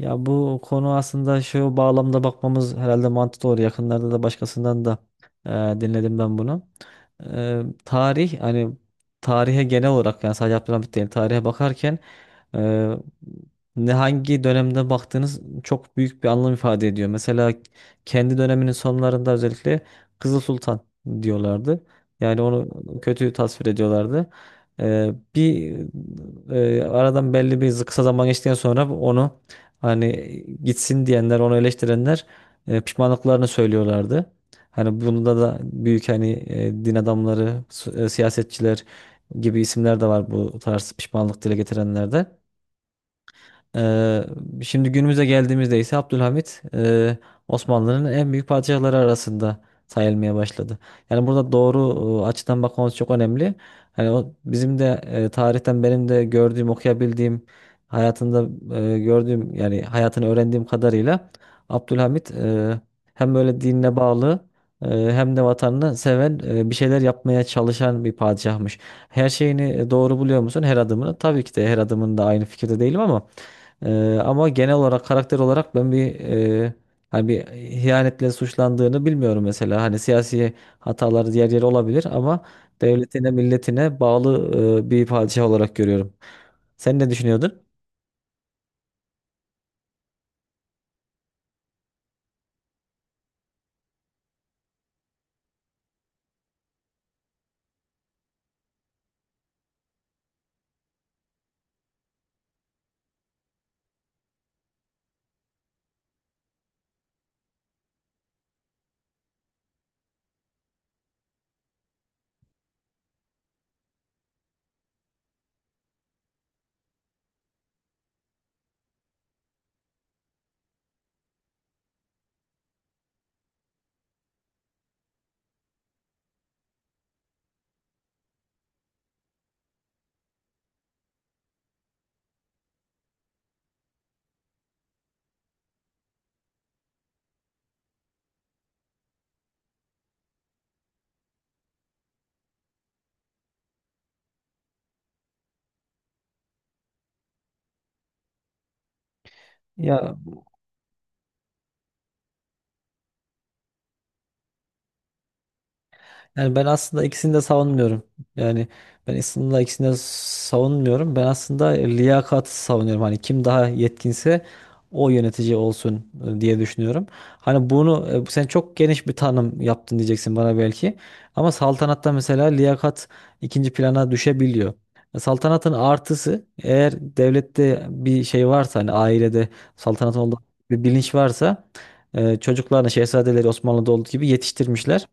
Ya bu konu aslında şu bağlamda bakmamız herhalde mantıklı olur. Yakınlarda da başkasından da dinledim ben bunu. Tarih hani tarihe genel olarak yani sadece Abdülhamit değil tarihe bakarken e, ne hangi dönemde baktığınız çok büyük bir anlam ifade ediyor. Mesela kendi döneminin sonlarında özellikle Kızıl Sultan diyorlardı. Yani onu kötü tasvir ediyorlardı. E, bir Aradan belli bir kısa zaman geçtikten sonra onu hani gitsin diyenler, onu eleştirenler pişmanlıklarını söylüyorlardı. Hani bunda da büyük hani din adamları, siyasetçiler gibi isimler de var bu tarz pişmanlık dile getirenlerde. Eee, Şimdi günümüze geldiğimizde ise Abdülhamit Osmanlı'nın en büyük padişahları arasında sayılmaya başladı. Yani burada doğru açıdan bakmamız çok önemli. Hani o bizim de tarihten benim de gördüğüm, okuyabildiğim, hayatında gördüğüm yani hayatını öğrendiğim kadarıyla Abdülhamit hem böyle dinine bağlı, hem de vatanını seven, bir şeyler yapmaya çalışan bir padişahmış. Her şeyini doğru buluyor musun? Her adımını. Tabii ki de her adımında aynı fikirde değilim ama ama genel olarak karakter olarak ben bir hani bir ihanetle suçlandığını bilmiyorum mesela. Hani siyasi hataları diğer yeri olabilir ama devletine, milletine bağlı bir padişah olarak görüyorum. Sen ne düşünüyordun? Ya yani ben aslında ikisini de savunmuyorum. Yani Ben aslında liyakatı savunuyorum. Hani kim daha yetkinse o yönetici olsun diye düşünüyorum. Hani bunu sen çok geniş bir tanım yaptın diyeceksin bana belki. Ama saltanatta mesela liyakat ikinci plana düşebiliyor. E, saltanatın artısı, eğer devlette bir şey varsa hani ailede saltanatın olduğu bir bilinç varsa, çocuklarını, şehzadeleri Osmanlı'da olduğu gibi yetiştirmişler.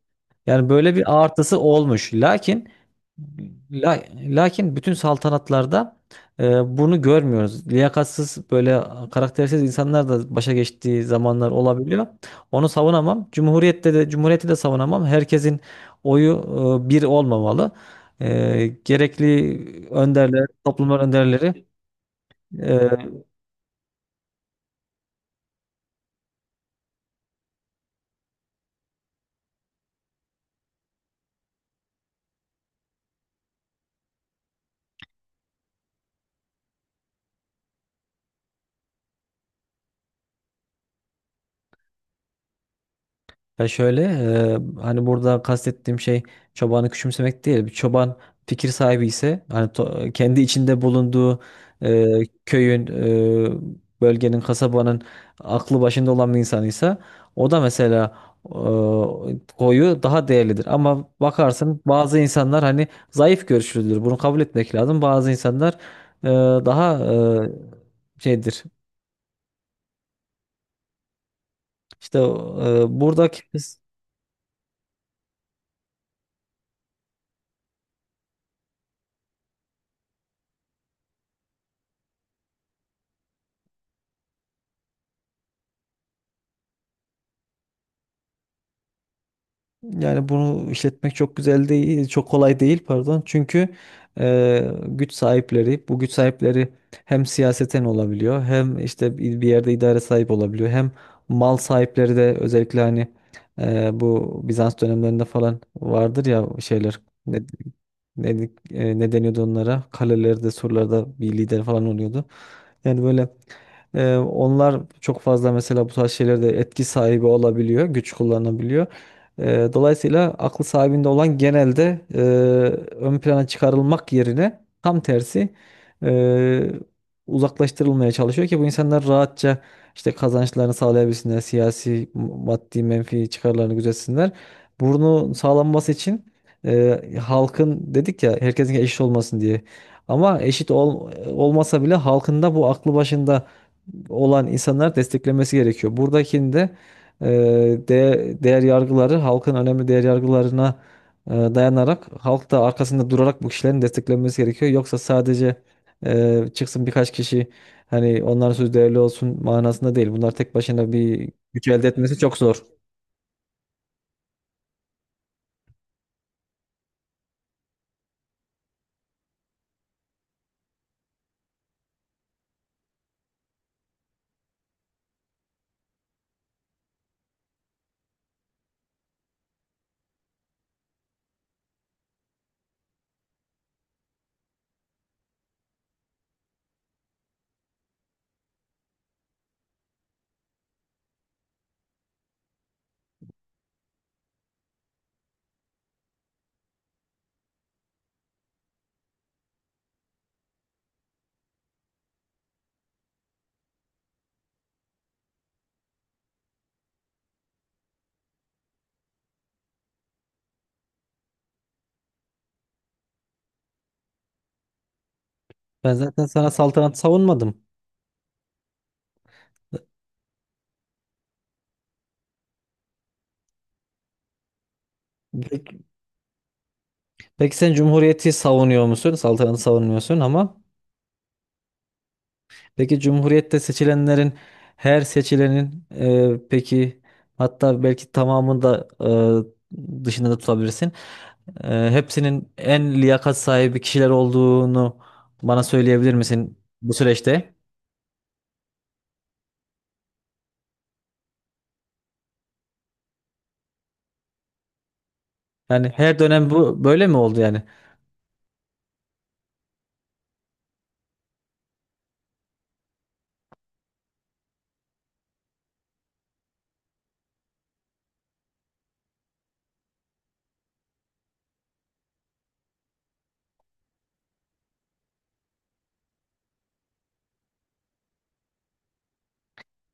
Yani böyle bir artısı olmuş. Lakin bütün saltanatlarda bunu görmüyoruz. Liyakatsız, böyle karaktersiz insanlar da başa geçtiği zamanlar olabiliyor. Onu savunamam. Cumhuriyette de cumhuriyeti de savunamam. Herkesin oyu bir olmamalı. Gerekli önderler, toplumlar önderleri e, ya şöyle, hani burada kastettiğim şey çobanı küçümsemek değil. Bir çoban fikir sahibi ise, hani kendi içinde bulunduğu e, köyün, bölgenin, kasabanın aklı başında olan bir insanıysa, o da mesela e, koyu daha değerlidir. Ama bakarsın bazı insanlar hani zayıf görüşlüdür. Bunu kabul etmek lazım. Bazı insanlar e, daha şeydir. İşte buradaki yani bunu işletmek çok güzel değil, çok kolay değil pardon. Çünkü güç sahipleri, bu güç sahipleri hem siyaseten olabiliyor, hem işte bir yerde idare sahip olabiliyor, hem mal sahipleri de, özellikle hani bu Bizans dönemlerinde falan vardır ya şeyler ne, ne deniyordu onlara? Kalelerde, sorularda bir lider falan oluyordu. Yani böyle, onlar çok fazla mesela bu tarz şeylerde etki sahibi olabiliyor, güç kullanabiliyor. Dolayısıyla aklı sahibinde olan genelde ön plana çıkarılmak yerine, tam tersi e, uzaklaştırılmaya çalışıyor ki bu insanlar rahatça işte kazançlarını sağlayabilsinler, siyasi, maddi, menfi çıkarlarını gözetsinler. Burnu sağlanması için halkın, dedik ya herkesin eşit olmasın diye. Ama eşit olmasa bile halkında bu aklı başında olan insanlar desteklemesi gerekiyor. Buradakinde e, değer yargıları, halkın önemli değer yargılarına dayanarak, halk da arkasında durarak bu kişilerin desteklenmesi gerekiyor. Yoksa sadece çıksın birkaç kişi hani onların sözü değerli olsun manasında değil. Bunlar tek başına bir güç elde etmesi çok zor. Ben zaten sana saltanat savunmadım. Peki sen Cumhuriyeti savunuyor musun? Saltanatı savunmuyorsun ama peki Cumhuriyet'te seçilenlerin, her seçilenin, peki hatta belki tamamını da dışında da tutabilirsin. Hepsinin en liyakat sahibi kişiler olduğunu bana söyleyebilir misin bu süreçte? Yani her dönem bu böyle mi oldu yani?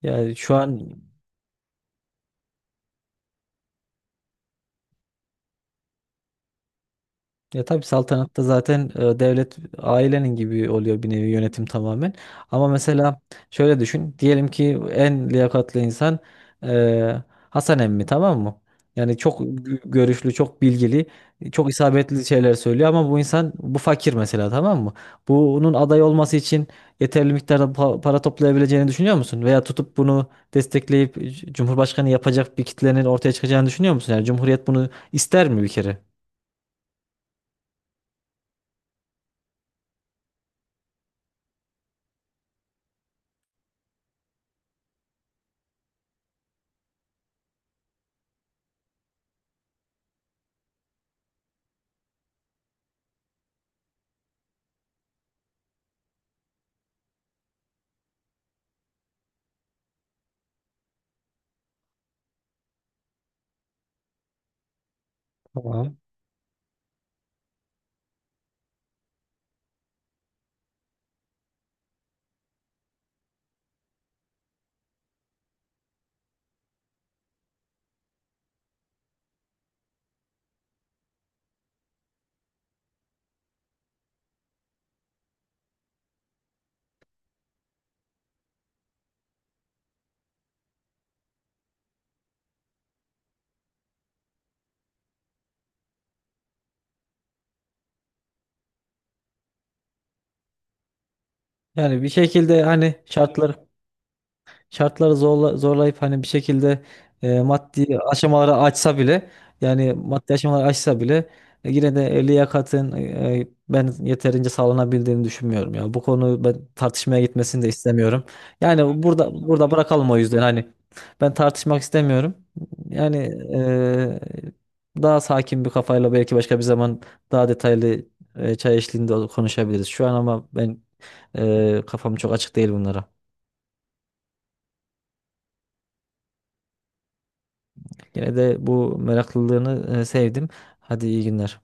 Yani şu an ya tabii saltanatta zaten devlet ailenin gibi oluyor bir nevi, yönetim tamamen. Ama mesela şöyle düşün. Diyelim ki en liyakatli insan e, Hasan emmi, tamam mı? Yani çok görüşlü, çok bilgili, çok isabetli şeyler söylüyor ama bu insan bu fakir mesela, tamam mı? Bunun aday olması için yeterli miktarda para toplayabileceğini düşünüyor musun? Veya tutup bunu destekleyip Cumhurbaşkanı yapacak bir kitlenin ortaya çıkacağını düşünüyor musun? Yani Cumhuriyet bunu ister mi bir kere? Tamam. Yani bir şekilde hani şartları zorlayıp hani bir şekilde maddi aşamaları açsa bile, yani maddi aşamaları açsa bile yine de liyakatın ben yeterince sağlanabildiğini düşünmüyorum ya. Bu konu ben tartışmaya gitmesini de istemiyorum. Yani burada bırakalım o yüzden hani ben tartışmak istemiyorum. Yani daha sakin bir kafayla belki başka bir zaman daha detaylı çay eşliğinde konuşabiliriz. Şu an ama ben kafam çok açık değil bunlara. Yine de bu meraklılığını sevdim. Hadi iyi günler.